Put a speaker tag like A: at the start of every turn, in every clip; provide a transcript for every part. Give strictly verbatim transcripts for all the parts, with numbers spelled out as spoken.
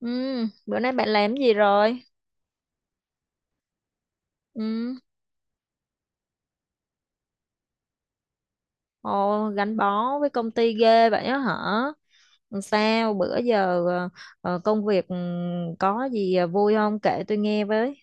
A: Ừ, bữa nay bạn làm gì rồi? Ừ, ồ, gắn bó với công ty ghê vậy á hả? Làm Sao bữa giờ ờ, ờ, công việc ừ, có gì ờ, vui không? Kể tôi nghe với.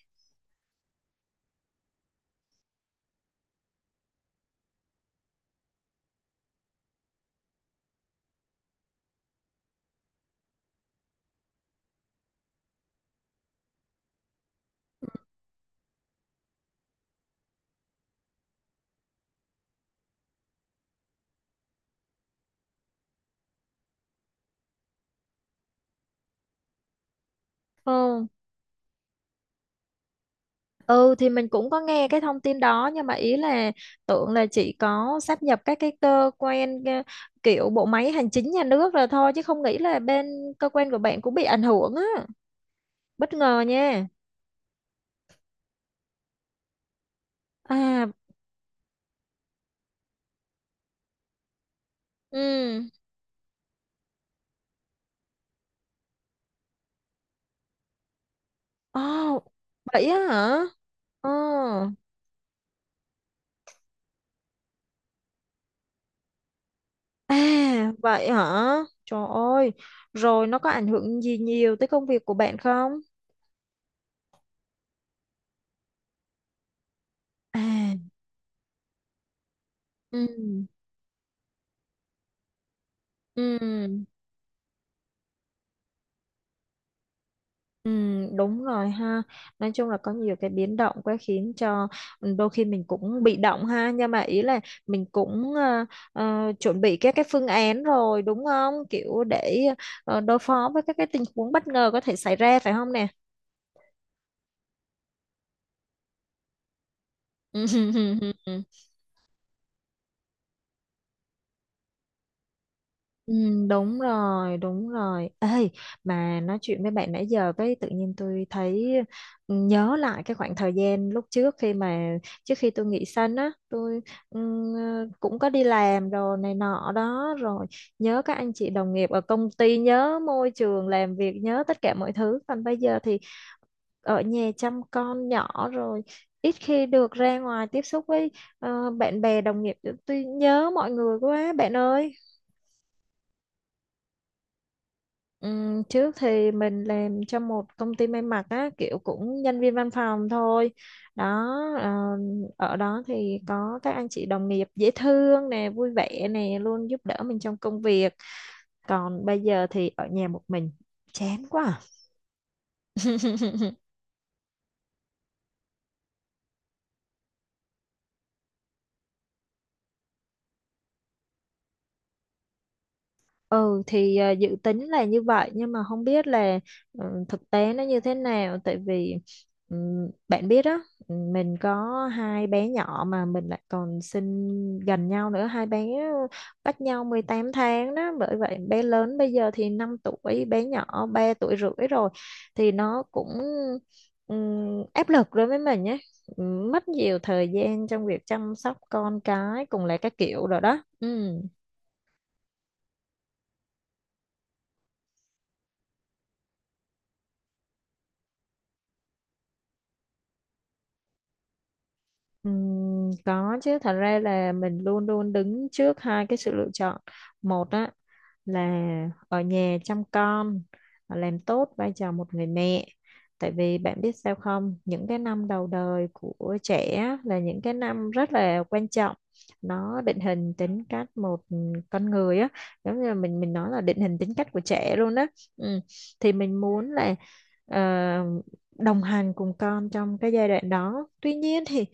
A: Ừ, ừ thì mình cũng có nghe cái thông tin đó nhưng mà ý là tưởng là chỉ có sáp nhập các cái cơ quan ờ, kiểu bộ máy hành chính nhà nước rồi thôi chứ không nghĩ là bên cơ quan của bạn cũng bị ảnh hưởng á. Bất ngờ nha. À, ừ. Ồ, vậy á hả? Ồ. À, vậy hả? Trời ơi, rồi nó có ảnh hưởng gì nhiều tới công việc của bạn không? À, ừ, ừ, ừ, đúng rồi ha. Nói chung là có nhiều cái biến động quá khiến cho ừ, đôi khi mình cũng bị động ha. Nhưng mà ý là mình cũng ờ, ờ, chuẩn bị các cái phương án rồi đúng không? Kiểu để ờ, đối phó với các cái tình huống bất ngờ có thể xảy ra phải không nè? Ừ, đúng rồi, đúng rồi. Ê, mà nói chuyện với bạn nãy giờ cái tự nhiên tôi thấy ừ, nhớ lại cái khoảng thời gian lúc trước khi mà trước khi tôi nghỉ sanh á, tôi ừm, cũng có đi làm rồi này nọ đó rồi nhớ các anh chị đồng nghiệp ở công ty, nhớ môi trường làm việc, nhớ tất cả mọi thứ. Còn bây giờ thì ở nhà chăm con nhỏ rồi ít khi được ra ngoài tiếp xúc với ờ, bạn bè đồng nghiệp. Tôi nhớ mọi người quá bạn ơi. Ừm, trước thì mình làm cho một công ty may mặc á kiểu cũng nhân viên văn phòng thôi đó ờ, ở đó thì có các anh chị đồng nghiệp dễ thương nè vui vẻ nè luôn giúp đỡ mình trong công việc còn bây giờ thì ở nhà một mình chán quá à. Ừ thì à, dự tính là như vậy nhưng mà không biết là ừ, thực tế nó như thế nào tại vì ừ, bạn biết đó mình có hai bé nhỏ mà mình lại còn sinh gần nhau nữa hai bé cách nhau mười tám tháng đó bởi vậy bé lớn bây giờ thì năm tuổi bé nhỏ ba tuổi rưỡi rồi thì nó cũng ừ, áp lực đối với mình nhé mất nhiều thời gian trong việc chăm sóc con cái cùng là các kiểu rồi đó ừ. Ừm, có chứ thật ra là mình luôn luôn đứng trước hai cái sự lựa chọn một á là ở nhà chăm con à, làm tốt vai trò một người mẹ tại vì bạn biết sao không những cái năm đầu đời của trẻ á, là những cái năm rất là quan trọng nó định hình tính cách một con người á giống như là mình mình nói là định hình tính cách của trẻ luôn á ừ. Thì mình muốn là ờ, đồng hành cùng con trong cái giai đoạn đó tuy nhiên thì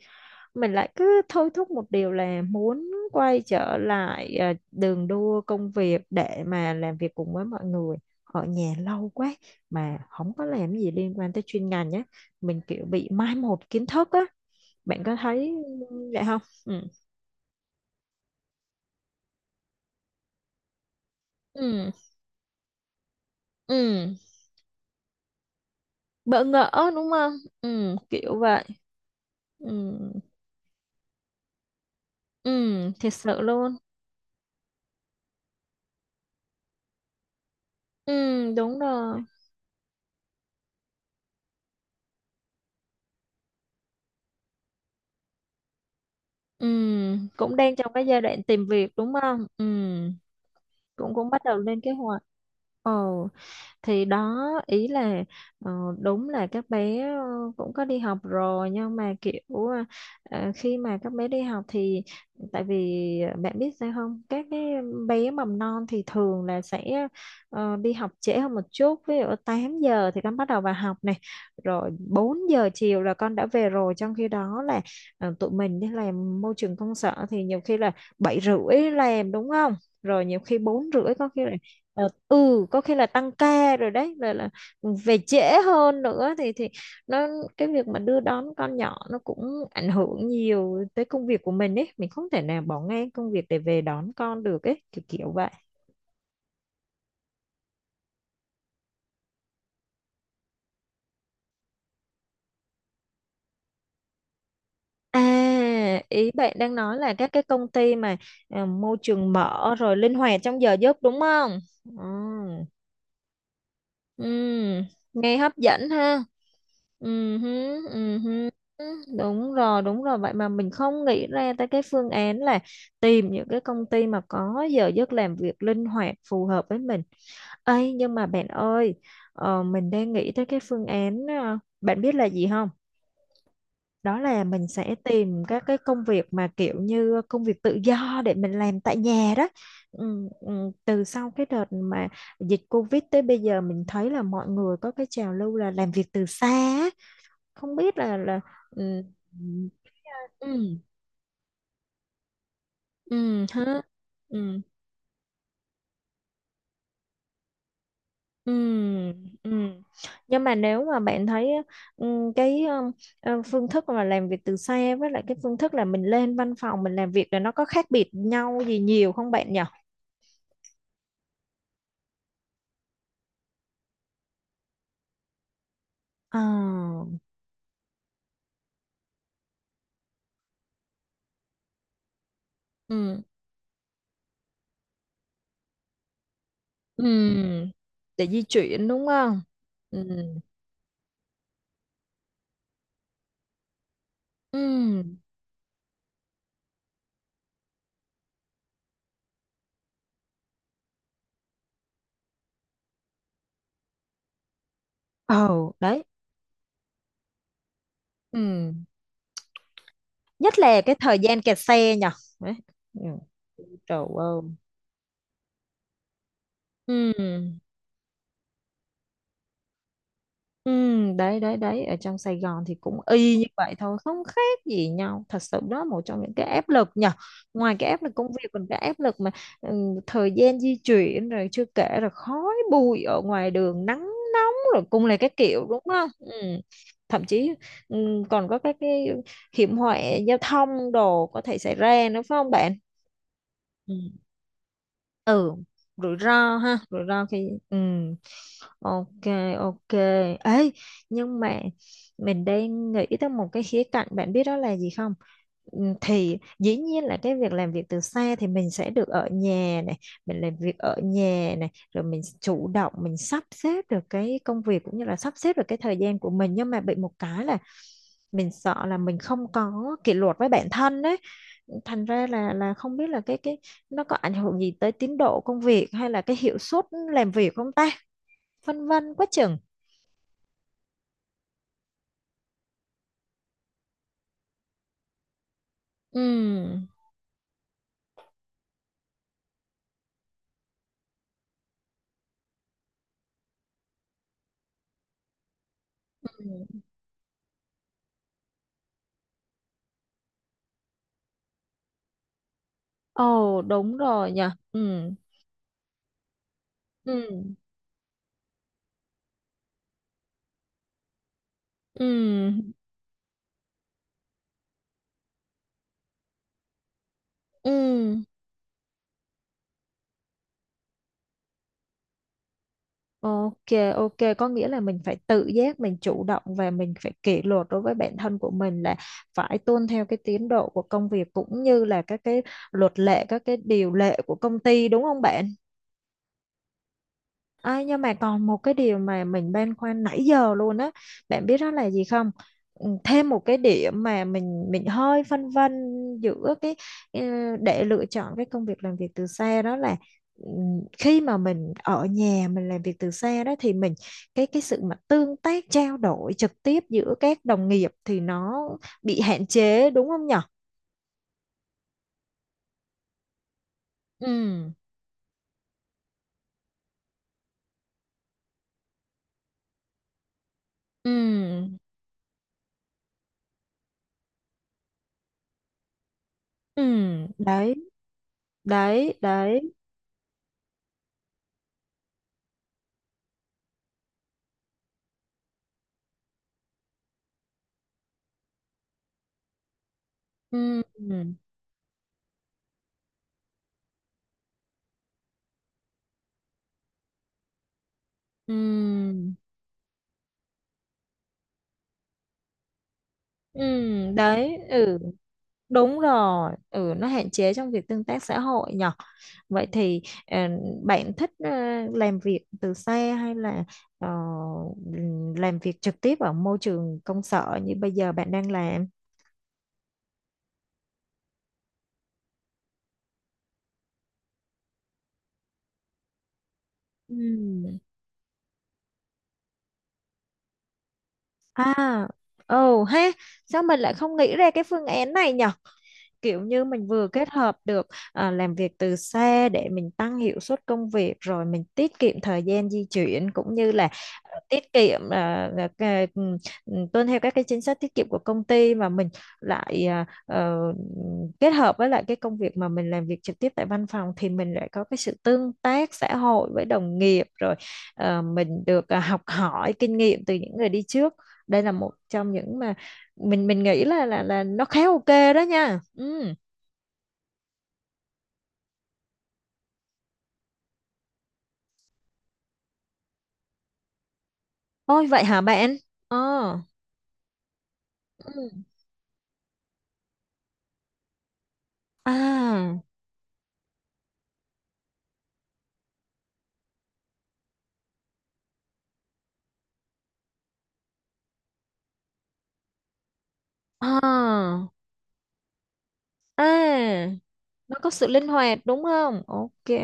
A: mình lại cứ thôi thúc một điều là muốn quay trở lại à, đường đua công việc để mà làm việc cùng với mọi người ở nhà lâu quá mà không có làm gì liên quan tới chuyên ngành nhé mình kiểu bị mai một kiến thức á bạn có thấy vậy không? Ừ, ừ, ừ. Bỡ ngỡ đúng không? Ừ, kiểu vậy. Ừ, ừ, thiệt sự luôn. Ừ, đúng rồi. Ừ, cũng đang trong cái giai đoạn tìm việc đúng không? Ừ, cũng cũng bắt đầu lên kế hoạch ờ thì đó. Ý là ờ, đúng là các bé ờ, cũng có đi học rồi nhưng mà kiểu ờ, ờ, khi mà các bé đi học thì tại vì ờ, bạn biết sao không các cái bé mầm non thì thường là sẽ ờ, đi học trễ hơn một chút, ví dụ tám giờ thì con bắt đầu vào học này rồi bốn giờ chiều là con đã về rồi, trong khi đó là ờ, tụi mình đi làm môi trường công sở thì nhiều khi là bảy rưỡi làm đúng không, rồi nhiều khi bốn rưỡi có khi là Ờ, ừ có khi là tăng ca rồi đấy rồi là về trễ hơn nữa thì thì nó, cái việc mà đưa đón con nhỏ nó cũng ảnh hưởng nhiều tới công việc của mình ấy, mình không thể nào bỏ ngang công việc để về đón con được ấy, kiểu kiểu vậy. À, ý bạn đang nói là các cái công ty mà à, môi trường mở rồi linh hoạt trong giờ giấc đúng không? Ừ. Ừ, nghe hấp dẫn ha. Ừ, hứ, ừ hứ. Đúng rồi, đúng rồi. Vậy mà mình không nghĩ ra tới cái phương án là tìm những cái công ty mà có giờ giấc làm việc linh hoạt phù hợp với mình. Ấy nhưng mà bạn ơi, ờ, mình đang nghĩ tới cái phương án, ờ, bạn biết là gì không? Đó là mình sẽ tìm các cái công việc mà kiểu như công việc tự do để mình làm tại nhà đó. Ừ, ừ, từ sau cái đợt mà dịch Covid tới bây giờ mình thấy là mọi người có cái trào lưu là làm việc từ xa á. Không biết là là ừ, ừ, ừ, hả? Ừ, ừ, ừ. Nhưng mà nếu mà bạn thấy ừ, cái ừ, ờ, phương thức mà làm việc từ xa với lại cái phương thức là mình lên văn phòng mình làm việc là nó có khác biệt nhau gì nhiều không bạn nhỉ? Ờ, ừ, ừ, để di chuyển đúng không? Ừ, ừ, ồ, đấy. Ừ, nhất là cái thời gian kẹt xe nhở? Đấy. Ừ. Trời ơi. Ừ. Ừ. Đấy đấy đấy, ở trong Sài Gòn thì cũng y như vậy thôi không khác gì nhau thật sự đó, một trong những cái áp lực nhở, ngoài cái áp lực công việc còn cái áp lực mà ừ, thời gian di chuyển rồi chưa kể là khói bụi ở ngoài đường nắng rồi cung này các kiểu đúng không? Ừ. Thậm chí ừ, còn có các cái hiểm họa giao thông đồ có thể xảy ra nữa phải không bạn? Ừ, ừ. Rủi ro ha, rủi ro khi ừ. OK, OK. Ấy, nhưng mà mình đang nghĩ tới một cái khía cạnh bạn biết đó là gì không? Ừ, thì dĩ nhiên là cái việc làm việc từ xa thì mình sẽ được ở nhà này, mình làm việc ở nhà này, rồi mình chủ động mình sắp xếp được cái công việc cũng như là sắp xếp được cái thời gian của mình, nhưng mà bị một cái là mình sợ là mình không có kỷ luật với bản thân đấy, thành ra là là không biết là cái cái nó có ảnh hưởng gì tới tiến độ công việc hay là cái hiệu suất làm việc không ta, phân vân quá chừng. Ừ, ừ. Ồ đúng rồi nhỉ. Ừ, ừ, ừ, ừ. OK, OK, có nghĩa là mình phải tự giác, mình chủ động và mình phải kỷ luật đối với bản thân của mình là phải tuân theo cái tiến độ của công việc cũng như là các cái luật lệ, các cái điều lệ của công ty đúng không bạn? Ai, nhưng mà còn một cái điều mà mình băn khoăn nãy giờ luôn á, bạn biết đó là gì không? Ừ, thêm một cái điểm mà mình mình hơi phân vân giữa cái ờ, để lựa chọn cái công việc làm việc từ xa đó là ừ, khi mà mình ở nhà mình làm việc từ xa đó thì mình, cái cái sự mà tương tác trao đổi trực tiếp giữa các đồng nghiệp thì nó bị hạn chế đúng không nhở? Ừ, ừ, ừ, đấy, đấy, đấy, ừ, ừ. Ừ, đấy, ừ, đúng rồi, ừ, nó hạn chế trong việc tương tác xã hội nhở. Vậy thì ờ, bạn thích ờ, làm việc từ xa hay là ờ, làm việc trực tiếp ở môi trường công sở như bây giờ bạn đang làm? Ừ. À, ồ ha, sao mình lại không nghĩ ra cái phương án này nhỉ? Kiểu như mình vừa kết hợp được à, làm việc từ xa để mình tăng hiệu suất công việc rồi mình tiết kiệm thời gian di chuyển cũng như là à, tiết kiệm à, là cái- ừ, ừ, tuân theo các cái chính sách tiết kiệm của công ty mà mình lại à, ờ, kết hợp với lại cái công việc mà mình làm việc trực tiếp tại văn phòng thì mình lại có cái sự tương tác xã hội với đồng nghiệp rồi ờ, mình được à, học hỏi kinh nghiệm từ những người đi trước, đây là một trong những mà mình mình nghĩ là là là nó khá OK đó nha. Ừ. Ôi vậy hả bạn? ờ ừ. À, à, à, nó có sự linh hoạt đúng không? OK.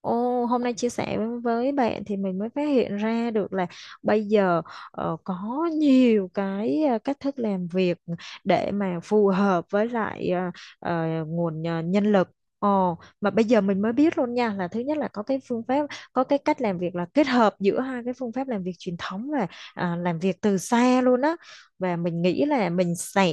A: Ồ, hôm nay chia sẻ với bạn thì mình mới phát hiện ra được là bây giờ ờ, có nhiều cái ờ, cách thức làm việc để mà phù hợp với lại ờ, ờ, nguồn ờ, nhân lực. Ồ, mà bây giờ mình mới biết luôn nha là thứ nhất là có cái phương pháp, có cái cách làm việc là kết hợp giữa hai cái phương pháp làm việc truyền thống và à, làm việc từ xa luôn á. Và mình nghĩ là mình sẽ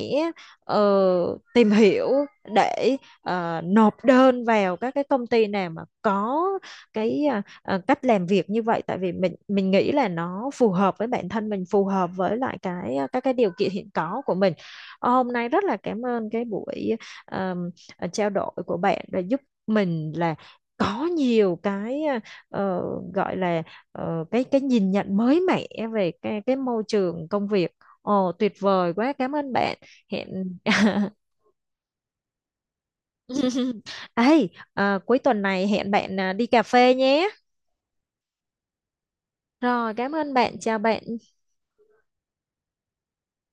A: ờ, tìm hiểu để ờ, nộp đơn vào các cái công ty nào mà có cái ờ, ờ, cách làm việc như vậy tại vì mình mình nghĩ là nó phù hợp với bản thân mình, phù hợp với lại cái ờ, các cái điều kiện hiện có của mình. Ờ, hôm nay rất là cảm ơn cái buổi ờ, ờ, trao đổi của bạn đã giúp mình là có nhiều cái ờ, ờ, gọi là ờ, cái cái nhìn nhận mới mẻ về cái cái môi trường công việc. Ồ tuyệt vời quá, cảm ơn bạn, hẹn Ấy, à, cuối tuần này hẹn bạn à, đi cà phê nhé. Rồi, cảm ơn bạn, chào bạn.